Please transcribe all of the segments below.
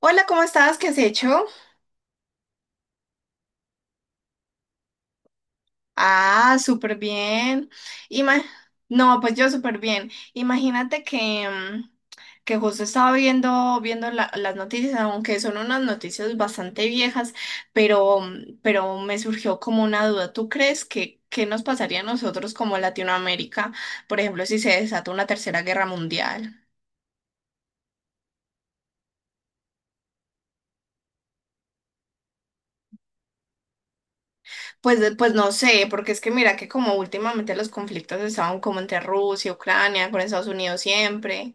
Hola, ¿cómo estás? ¿Qué has hecho? Ah, súper bien. Ima- no, Pues yo súper bien. Imagínate que que justo estaba viendo las noticias, aunque son unas noticias bastante viejas, pero, pero me surgió como una duda. ¿Tú crees que qué nos pasaría a nosotros como Latinoamérica, por ejemplo, si se desata una tercera guerra mundial? Pues no sé, porque es que mira que como últimamente los conflictos estaban como entre Rusia, Ucrania, con Estados Unidos siempre.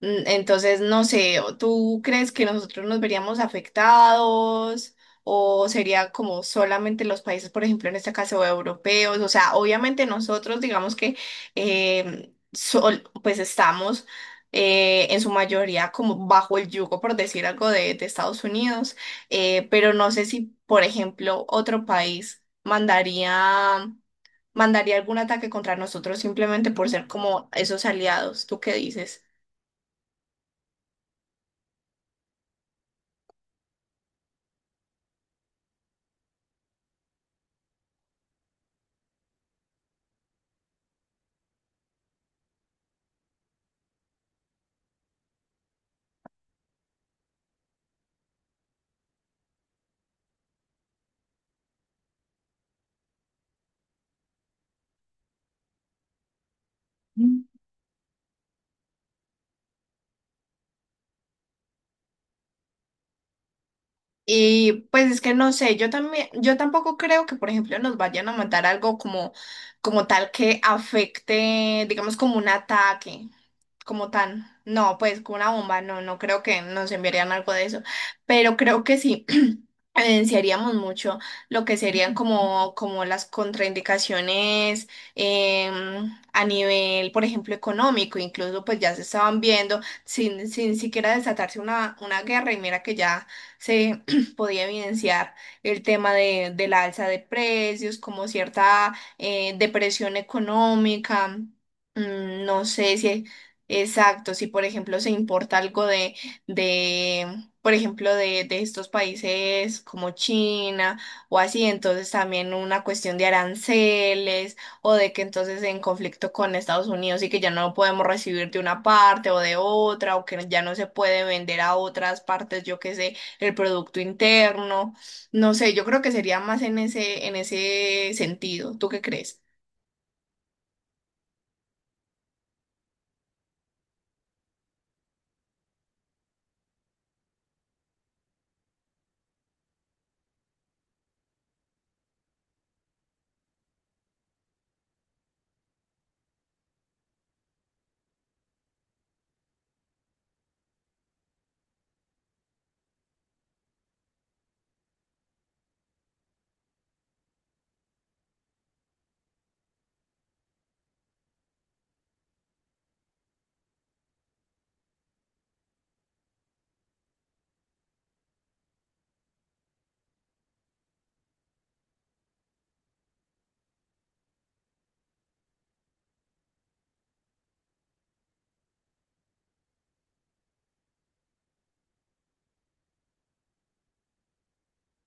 Entonces, no sé, ¿tú crees que nosotros nos veríamos afectados o sería como solamente los países, por ejemplo, en este caso europeos? O sea, obviamente nosotros digamos que pues estamos en su mayoría como bajo el yugo, por decir algo, de Estados Unidos, pero no sé si, por ejemplo, otro país mandaría, mandaría algún ataque contra nosotros simplemente por ser como esos aliados. ¿Tú qué dices? Y pues es que no sé, yo también, yo tampoco creo que, por ejemplo, nos vayan a mandar algo como, como tal que afecte, digamos, como un ataque, como tan, no, pues como una bomba, no, no creo que nos enviarían algo de eso, pero creo que sí. Evidenciaríamos mucho lo que serían como, como las contraindicaciones a nivel, por ejemplo, económico, incluso pues ya se estaban viendo sin siquiera desatarse una guerra y mira que ya se, pues, podía evidenciar el tema de la alza de precios, como cierta depresión económica. Mm, no sé si, Exacto, si por ejemplo se importa algo de por ejemplo, de estos países como China o así, entonces también una cuestión de aranceles o de que entonces en conflicto con Estados Unidos y que ya no podemos recibir de una parte o de otra o que ya no se puede vender a otras partes, yo qué sé el producto interno, no sé, yo creo que sería más en ese sentido. ¿Tú qué crees?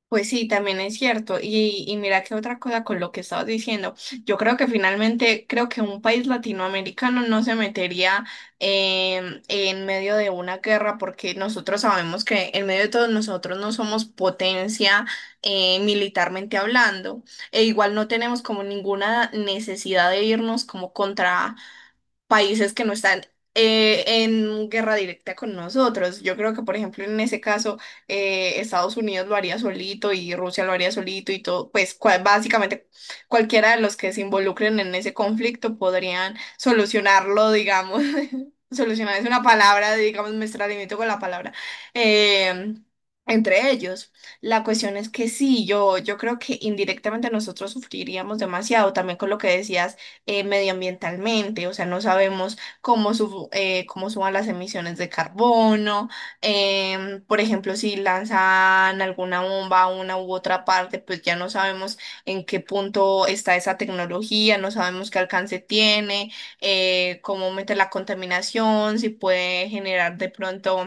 Pues sí, también es cierto. Y mira que otra cosa con lo que estabas diciendo, yo creo que finalmente, creo que un país latinoamericano no se metería en medio de una guerra porque nosotros sabemos que en medio de todos nosotros no somos potencia militarmente hablando e igual no tenemos como ninguna necesidad de irnos como contra países que no están en guerra directa con nosotros. Yo creo que, por ejemplo, en ese caso, Estados Unidos lo haría solito y Rusia lo haría solito y todo, básicamente cualquiera de los que se involucren en ese conflicto podrían solucionarlo, digamos. Solucionar es una palabra, digamos, me extralimito con la palabra. eh, Entre ellos. La cuestión es que sí, yo creo que indirectamente nosotros sufriríamos demasiado, también con lo que decías medioambientalmente, o sea, no sabemos cómo, cómo suban las emisiones de carbono, por ejemplo, si lanzan alguna bomba a una u otra parte, pues ya no sabemos en qué punto está esa tecnología, no sabemos qué alcance tiene, cómo mete la contaminación, si puede generar de pronto...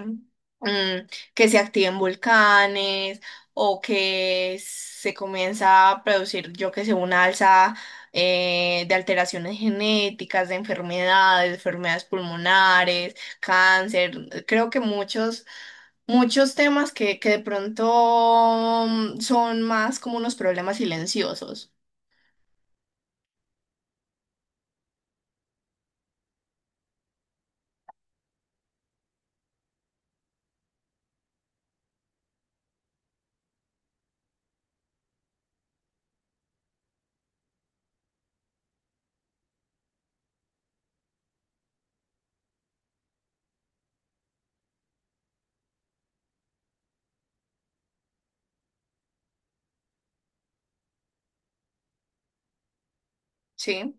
mm, que se activen volcanes o que se comienza a producir, yo que sé, una alza de alteraciones genéticas, de enfermedades, enfermedades pulmonares, cáncer. Creo que muchos, muchos temas que de pronto son más como unos problemas silenciosos. Sí.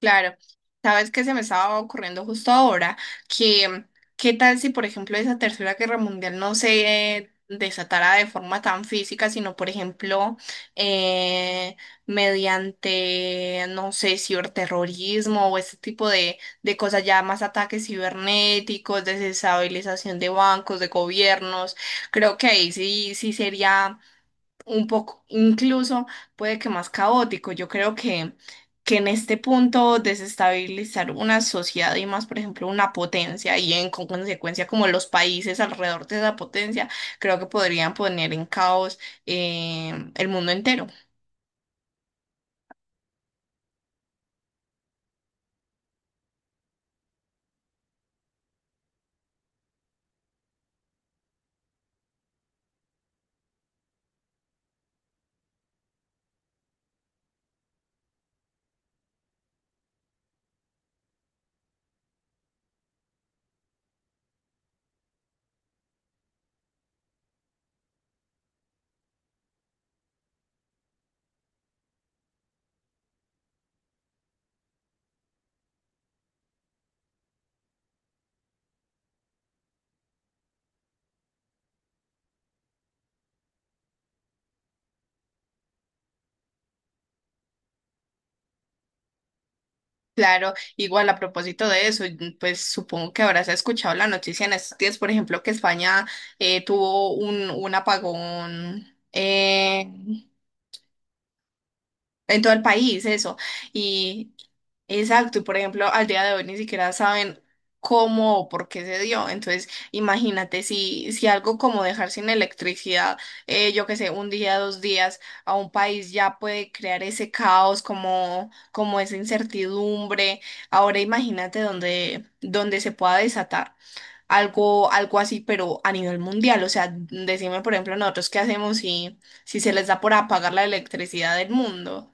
Claro, sabes que se me estaba ocurriendo justo ahora que qué tal si, por ejemplo, esa Tercera Guerra Mundial no se desatara de forma tan física, sino, por ejemplo, eh, mediante, no sé, ciberterrorismo o ese tipo de cosas, ya más ataques cibernéticos, desestabilización de bancos, de gobiernos. Creo que ahí sí, sí sería un poco, incluso puede que más caótico. Yo creo que en este punto desestabilizar una sociedad y más, por ejemplo, una potencia y en con consecuencia como los países alrededor de esa potencia, creo que podrían poner en caos el mundo entero. Claro, igual a propósito de eso, y, pues supongo que habrás escuchado la noticia en estos días, por ejemplo, que España tuvo un apagón. En todo el país, eso. Y exacto, y por ejemplo, al día de hoy ni siquiera saben cómo o por qué se dio. Entonces, imagínate si, si algo como dejar sin electricidad, yo qué sé, un día, dos días a un país ya puede crear ese caos, como, como esa incertidumbre. Ahora imagínate donde, donde se pueda desatar algo, algo así, pero a nivel mundial. O sea, decime, por ejemplo, nosotros qué hacemos si, si se les da por apagar la electricidad del mundo.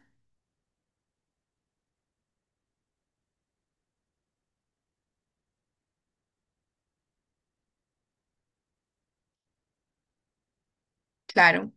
Claro,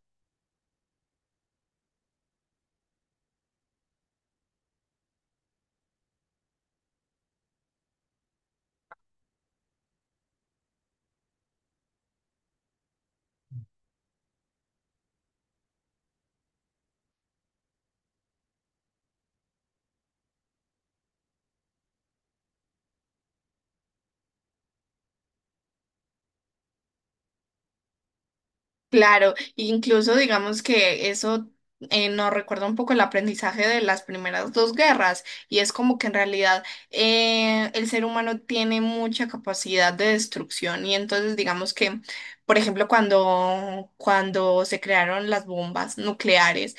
claro. Incluso digamos que eso nos recuerda un poco el aprendizaje de las primeras dos guerras y es como que en realidad el ser humano tiene mucha capacidad de destrucción y entonces digamos que, por ejemplo, cuando, cuando se crearon las bombas nucleares,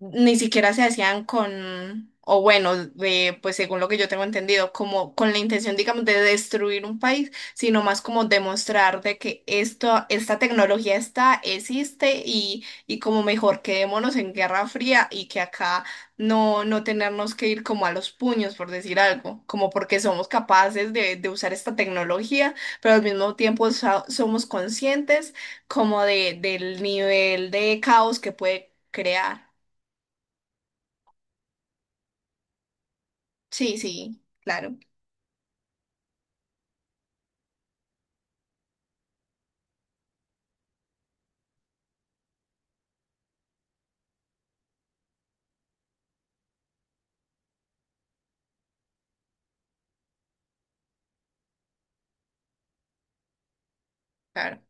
ni siquiera se hacían con, o bueno, de, pues según lo que yo tengo entendido, como con la intención, digamos, de destruir un país, sino más como demostrar de que esto, esta tecnología está, existe y como mejor quedémonos en Guerra Fría y que acá no, no tenernos que ir como a los puños, por decir algo, como porque somos capaces de usar esta tecnología, pero al mismo tiempo somos conscientes como de, del nivel de caos que puede crear. Sí, sí, claro, claro,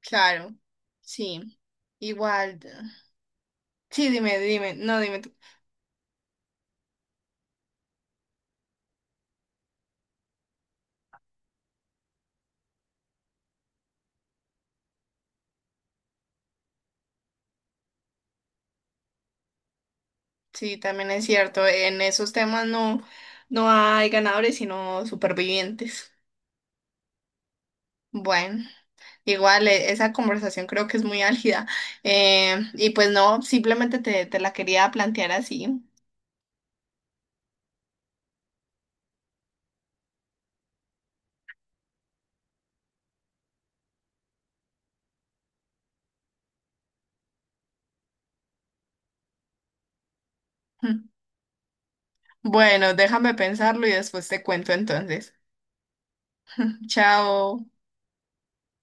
claro, sí. Igual, sí, dime, dime, no, dime tú. Sí, también es cierto, en esos temas no, no hay ganadores, sino supervivientes. Bueno, igual esa conversación creo que es muy álgida. Y pues no, simplemente te, te la quería plantear así. Bueno, déjame pensarlo y después te cuento entonces. Chao.